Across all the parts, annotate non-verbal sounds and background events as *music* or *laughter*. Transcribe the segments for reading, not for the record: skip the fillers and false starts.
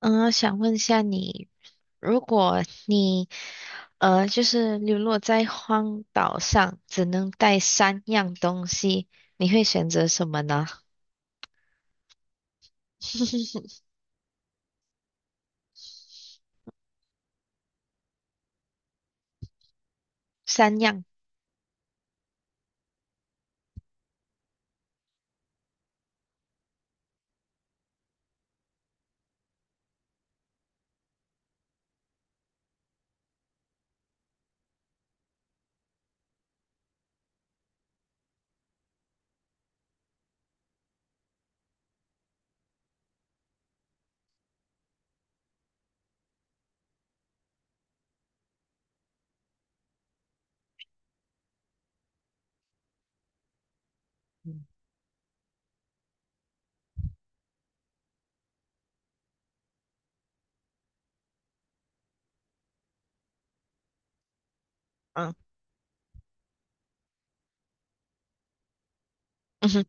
嗯，想问一下你，如果你就是流落在荒岛上，只能带三样东西，你会选择什么呢？*laughs* 三样，嗯。嗯。嗯哼。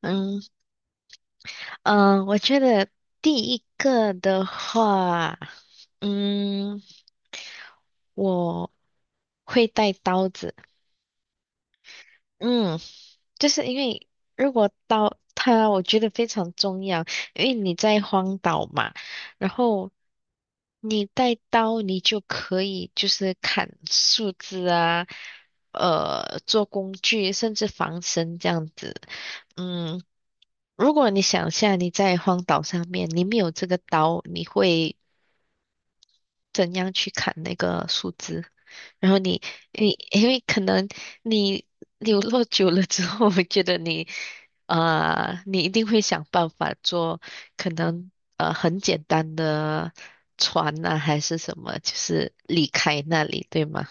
嗯，我觉得第一个的话，嗯，我会带刀子。嗯，就是因为如果刀，它，我觉得非常重要，因为你在荒岛嘛，然后你带刀，你就可以就是砍树枝啊，呃，做工具，甚至防身这样子。嗯，如果你想一下你在荒岛上面，你没有这个刀，你会。怎样去砍那个树枝，然后你因为可能你流落久了之后，我觉得你你一定会想办法做，可能很简单的船呐、还是什么，就是离开那里，对吗？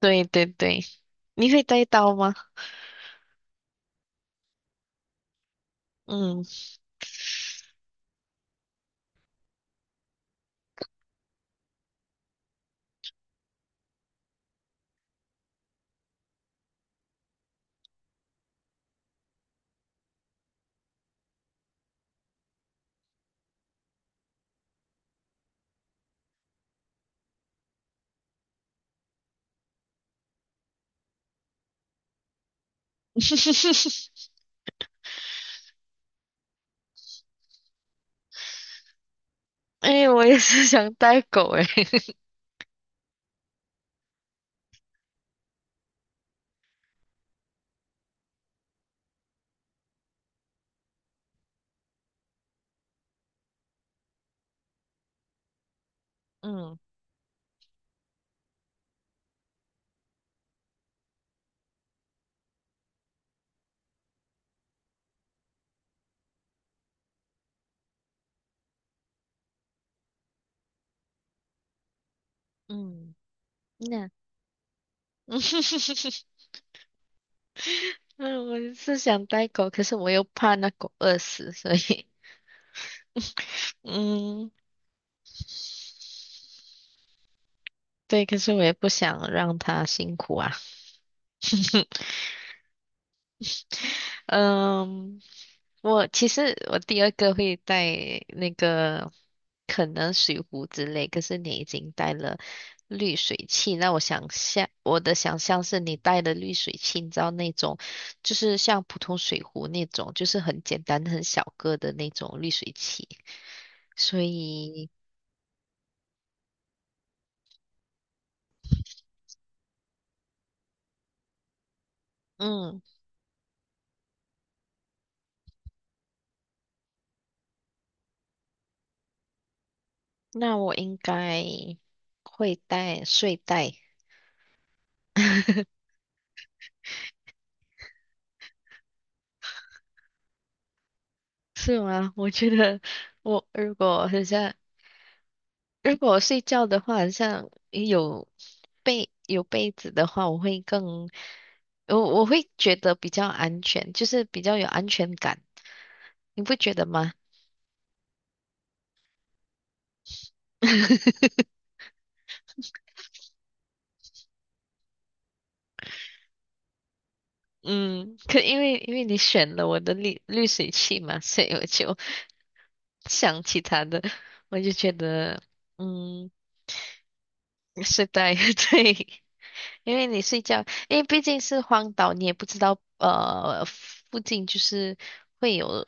对对对，你会带刀吗？嗯，*laughs* 哎，我也是想带狗哎，*laughs* 嗯。嗯，那 *laughs*。嗯，我是想带狗，可是我又怕那狗饿死，所以，*laughs* 嗯，对，可是我也不想让它辛苦啊。*laughs* 嗯，我其实我第二个会带那个可能水壶之类，可是你已经带了滤水器，那我想象我的想象是你带的滤水器，你知道那种就是像普通水壶那种，就是很简单很小个的那种滤水器，所以。嗯。那我应该会带睡袋，是吗？*laughs* 我觉得我如果很像，如果我睡觉的话，很像有被有被子的话，我会更，我会觉得比较安全，就是比较有安全感，你不觉得吗？*laughs* 嗯，可因为你选了我的滤滤水器嘛，所以我就想起他的，我就觉得嗯，睡袋 *laughs* 对。因为你睡觉，因为毕竟是荒岛，你也不知道附近就是会有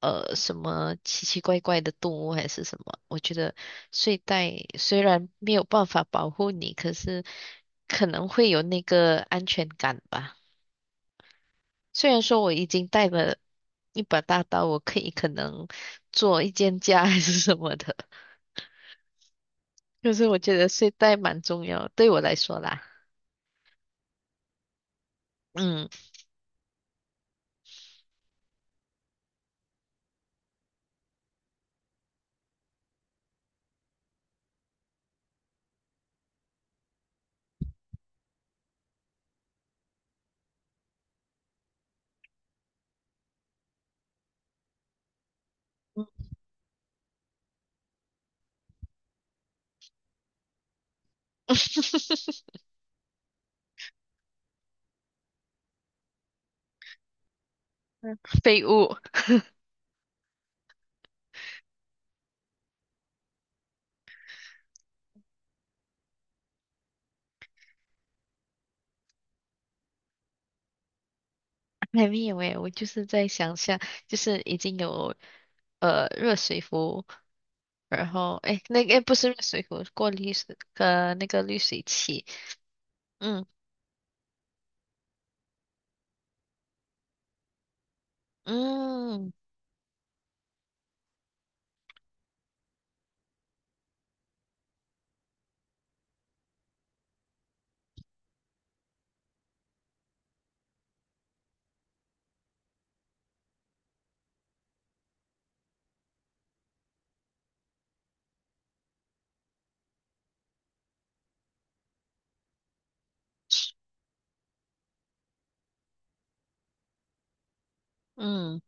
什么奇奇怪怪的动物还是什么。我觉得睡袋虽然没有办法保护你，可是可能会有那个安全感吧。虽然说我已经带了一把大刀，我可以可能做一间家还是什么的，可是我觉得睡袋蛮重要，对我来说啦。嗯，*laughs* 废物。还没有诶，我就是在想象，就是已经有热水壶，然后诶，那个不是热水壶，过滤水那个滤水器，嗯。嗯。嗯。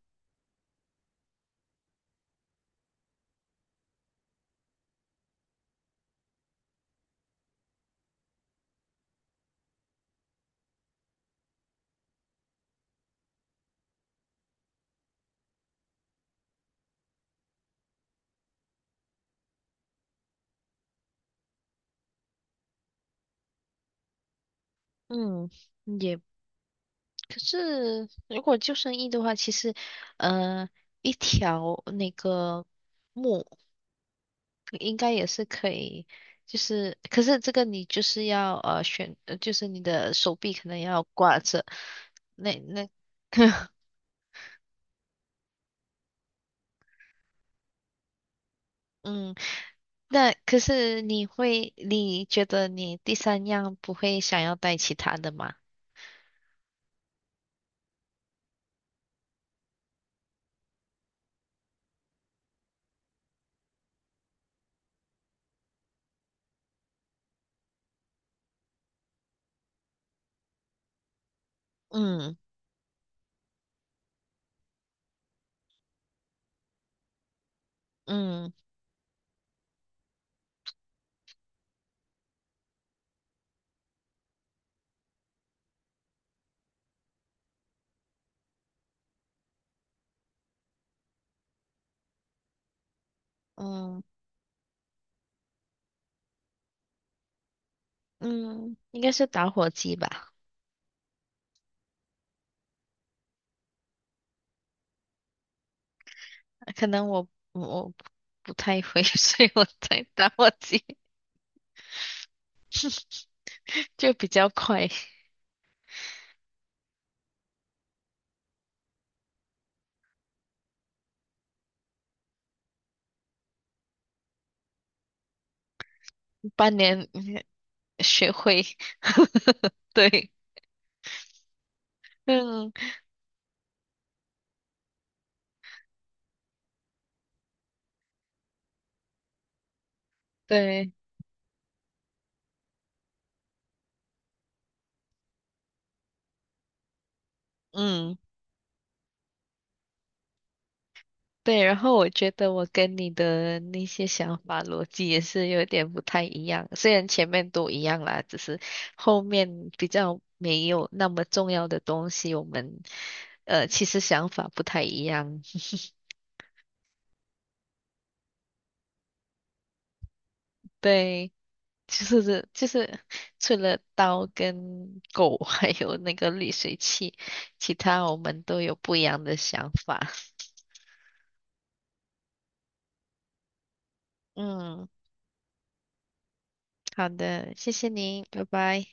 嗯，也可是如果救生衣的话，其实呃一条那个木应该也是可以，就是可是这个你就是要选，就是你的手臂可能要挂着，那那。*laughs* 嗯，那可是你会，你觉得你第三样不会想要带其他的吗？嗯。嗯。嗯。嗯，应该是打火机吧？可能我不太会，*laughs* 所以我带打火机就比较快，半年。嗯，学会。*laughs* 对，嗯，对，嗯。对，然后我觉得我跟你的那些想法逻辑也是有点不太一样，虽然前面都一样啦，只是后面比较没有那么重要的东西，我们其实想法不太一样。*laughs* 对，就是就是除了刀跟狗，*laughs* 还有那个滤水器，其他我们都有不一样的想法。嗯，好的，谢谢您，拜拜。